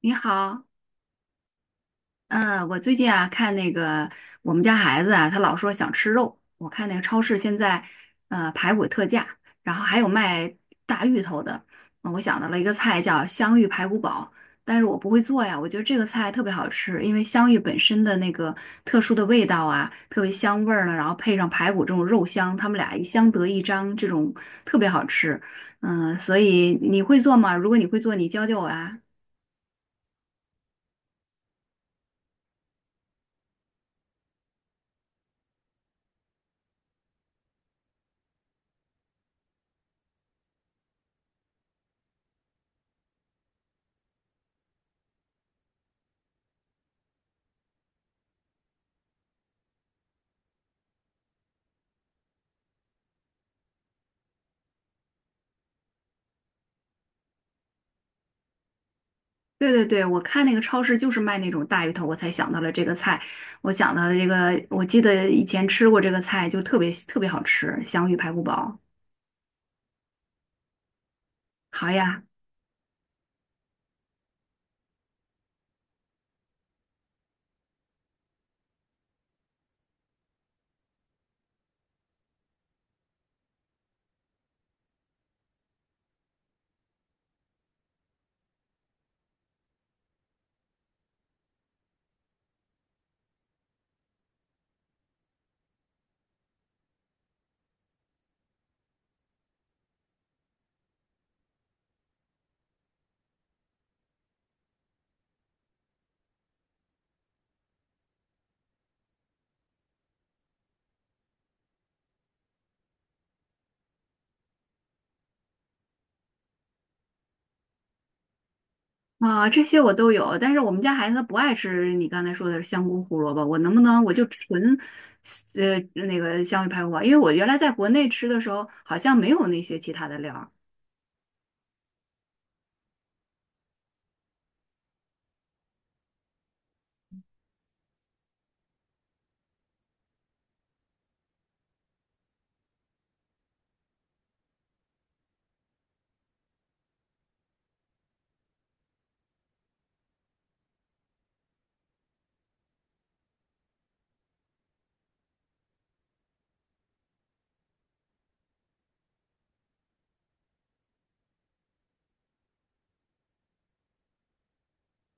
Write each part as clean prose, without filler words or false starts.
你好。嗯，我最近啊看那个我们家孩子啊，他老说想吃肉。我看那个超市现在排骨特价，然后还有卖大芋头的。我想到了一个菜叫香芋排骨煲，但是我不会做呀。我觉得这个菜特别好吃，因为香芋本身的那个特殊的味道啊，特别香味儿呢，然后配上排骨这种肉香，他们俩一相得益彰，这种特别好吃。所以你会做吗？如果你会做，你教教我啊。对对对，我看那个超市就是卖那种大鱼头，我才想到了这个菜。我想到了这个，我记得以前吃过这个菜，就特别特别好吃，香芋排骨煲。好呀。啊，这些我都有，但是我们家孩子他不爱吃你刚才说的香菇胡萝卜，我能不能我就纯呃那个香芋排骨煲？因为我原来在国内吃的时候好像没有那些其他的料儿。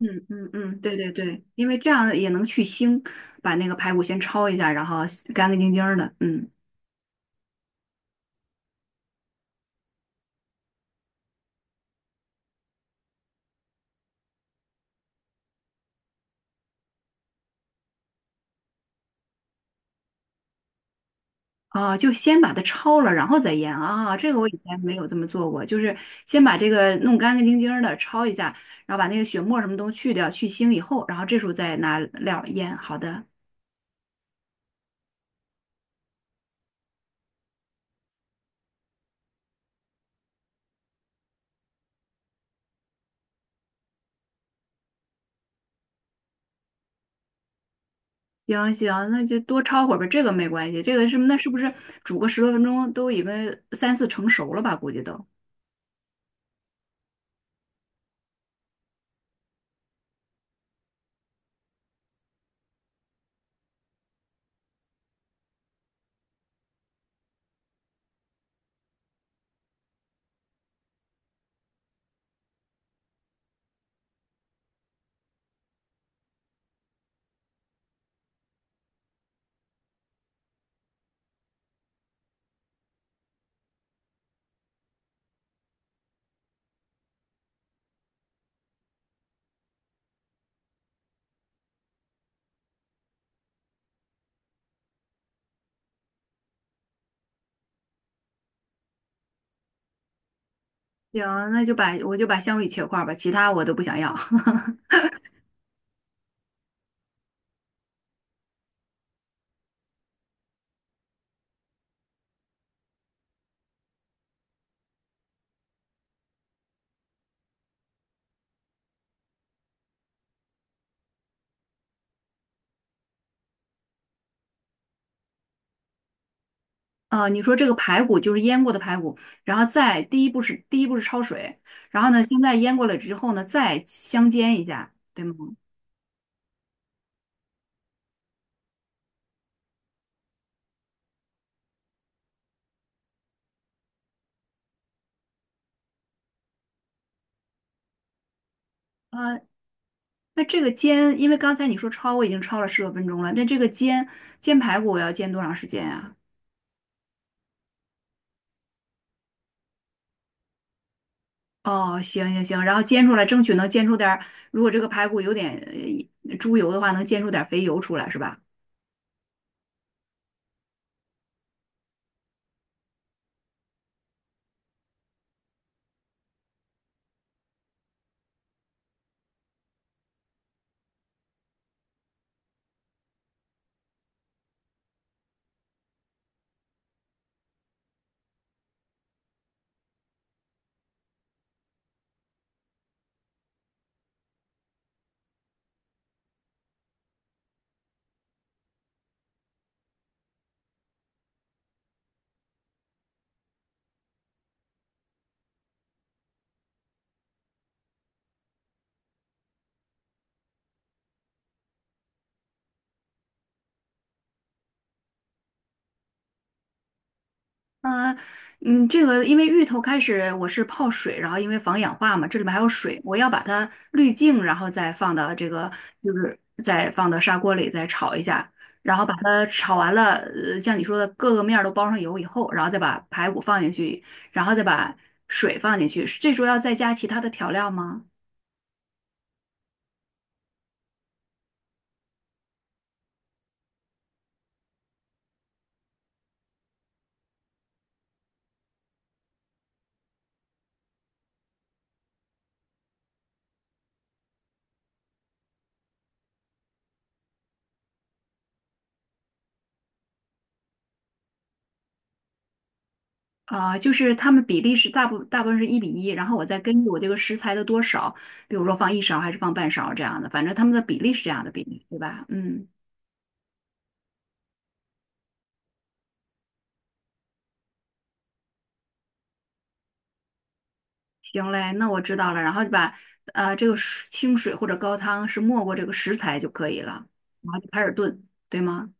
嗯嗯嗯，对对对，因为这样也能去腥，把那个排骨先焯一下，然后干干净净儿的。嗯。啊，就先把它焯了，然后再腌啊。这个我以前没有这么做过，就是先把这个弄干干净净儿的焯一下，然后把那个血沫什么都去掉，去腥以后，然后这时候再拿料儿腌。好的。行行，那就多焯会儿吧，这个没关系。这个是那是不是煮个十多分钟都已经三四成熟了吧？估计都行，那就把我就把香芋切块儿吧，其他我都不想要。啊，你说这个排骨就是腌过的排骨，然后再第一步是焯水，然后呢，现在腌过了之后呢，再香煎一下，对吗？呃，那这个煎，因为刚才你说焯，我已经焯了十多分钟了，那这个煎排骨我要煎多长时间呀？哦，行行行，然后煎出来，争取能煎出点儿。如果这个排骨有点猪油的话，能煎出点儿肥油出来是吧？啊，嗯，这个因为芋头开始我是泡水，然后因为防氧化嘛，这里面还有水，我要把它滤净，然后再放到这个，就是再放到砂锅里再炒一下，然后把它炒完了，呃，像你说的各个面儿都包上油以后，然后再把排骨放进去，然后再把水放进去，这时候要再加其他的调料吗？啊，就是它们比例是大部分是1:1，然后我再根据我这个食材的多少，比如说放一勺还是放半勺这样的，反正它们的比例是这样的比例，对吧？嗯。行嘞，那我知道了，然后就把这个水清水或者高汤是没过这个食材就可以了，然后就开始炖，对吗？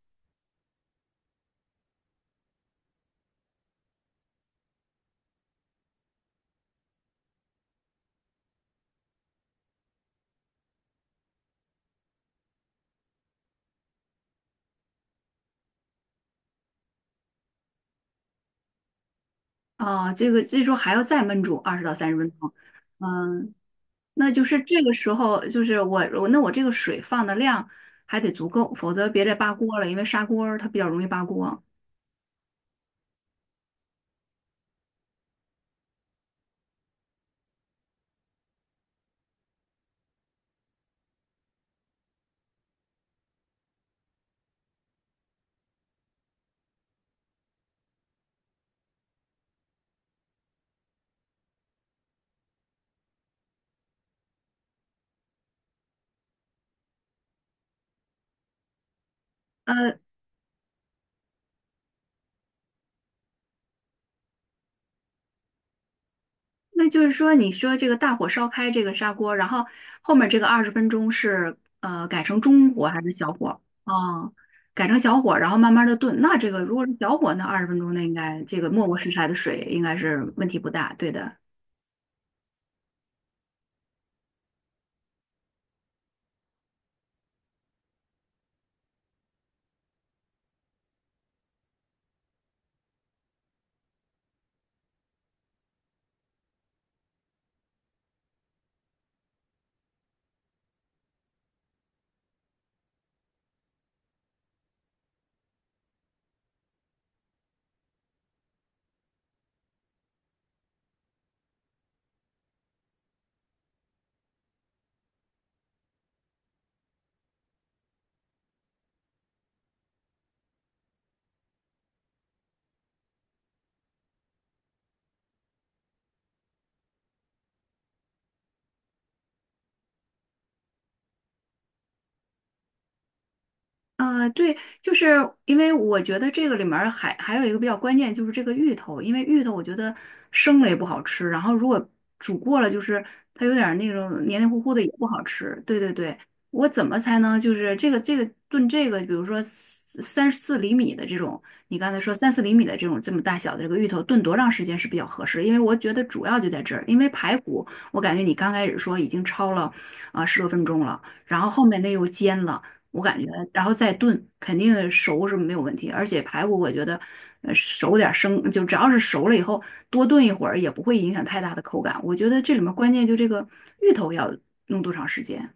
啊，这个这时候还要再焖煮20到30分钟。嗯，那就是这个时候就是我那我这个水放的量还得足够，否则别再扒锅了，因为砂锅儿它比较容易扒锅。呃，那就是说，你说这个大火烧开这个砂锅，然后后面这个二十分钟是呃改成中火还是小火？哦，改成小火，然后慢慢的炖。那这个如果是小火，那二十分钟那应该这个没过食材的水应该是问题不大，对的。对，就是因为我觉得这个里面儿还有一个比较关键，就是这个芋头，因为芋头我觉得生了也不好吃，然后如果煮过了，就是它有点儿那种黏黏糊糊的也不好吃。对对对，我怎么才能就是这个炖这个，比如说三四厘米的这种，你刚才说三四厘米的这种这么大小的这个芋头，炖多长时间是比较合适？因为我觉得主要就在这儿，因为排骨我感觉你刚开始说已经焯了啊十多分钟了，然后后面那又煎了。我感觉，然后再炖，肯定熟是没有问题。而且排骨，我觉得，熟点儿生，就只要是熟了以后，多炖一会儿也不会影响太大的口感。我觉得这里面关键就这个芋头要弄多长时间。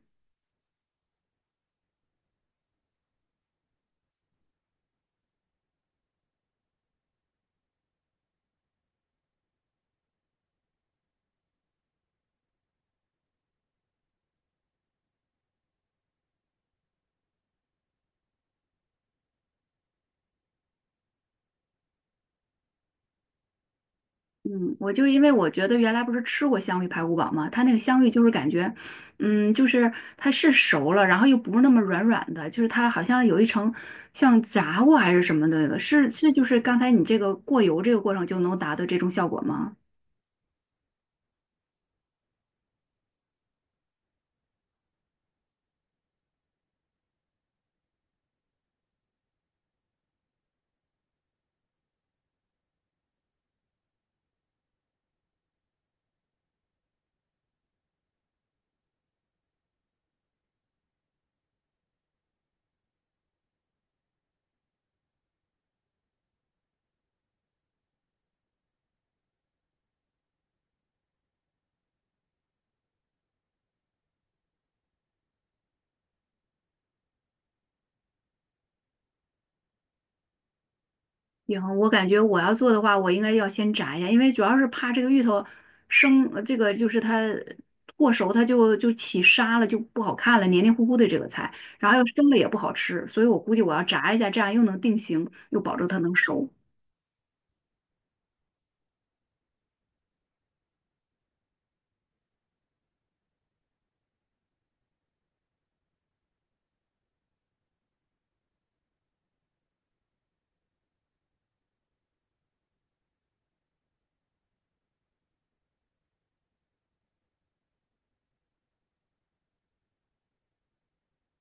嗯，我就因为我觉得原来不是吃过香芋排骨煲嘛，它那个香芋就是感觉，就是它是熟了，然后又不是那么软软的，就是它好像有一层像炸过还是什么的那个，是就是刚才你这个过油这个过程就能达到这种效果吗？行，我感觉我要做的话，我应该要先炸一下，因为主要是怕这个芋头生，这个就是它过熟，它就就起沙了，就不好看了，黏黏糊糊的这个菜，然后又生了也不好吃，所以我估计我要炸一下，这样又能定型，又保证它能熟。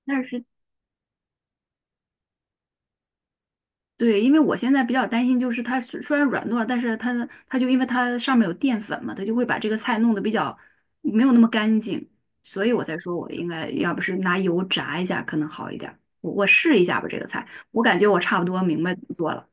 那是。对，因为我现在比较担心，就是它虽然软糯，但是它就因为它上面有淀粉嘛，它就会把这个菜弄得比较没有那么干净，所以我才说我应该要不是拿油炸一下可能好一点儿。我试一下吧，这个菜，我感觉我差不多明白怎么做了。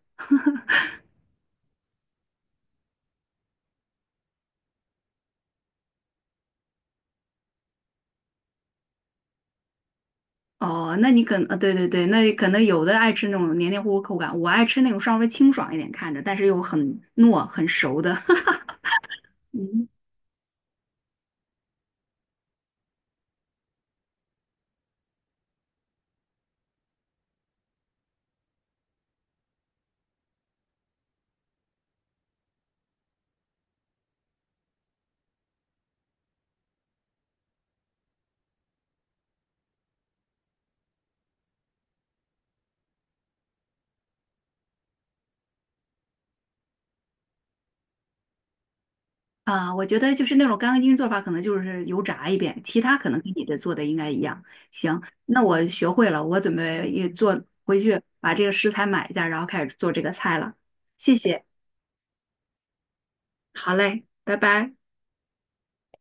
哦，那你可能，对对对，那可能有的爱吃那种黏黏糊糊口感，我爱吃那种稍微清爽一点看着，但是又很糯很熟的。嗯我觉得就是那种干干净净做法，可能就是油炸一遍，其他可能跟你的做的应该一样。行，那我学会了，我准备也做回去把这个食材买一下，然后开始做这个菜了。谢谢，好嘞，拜拜。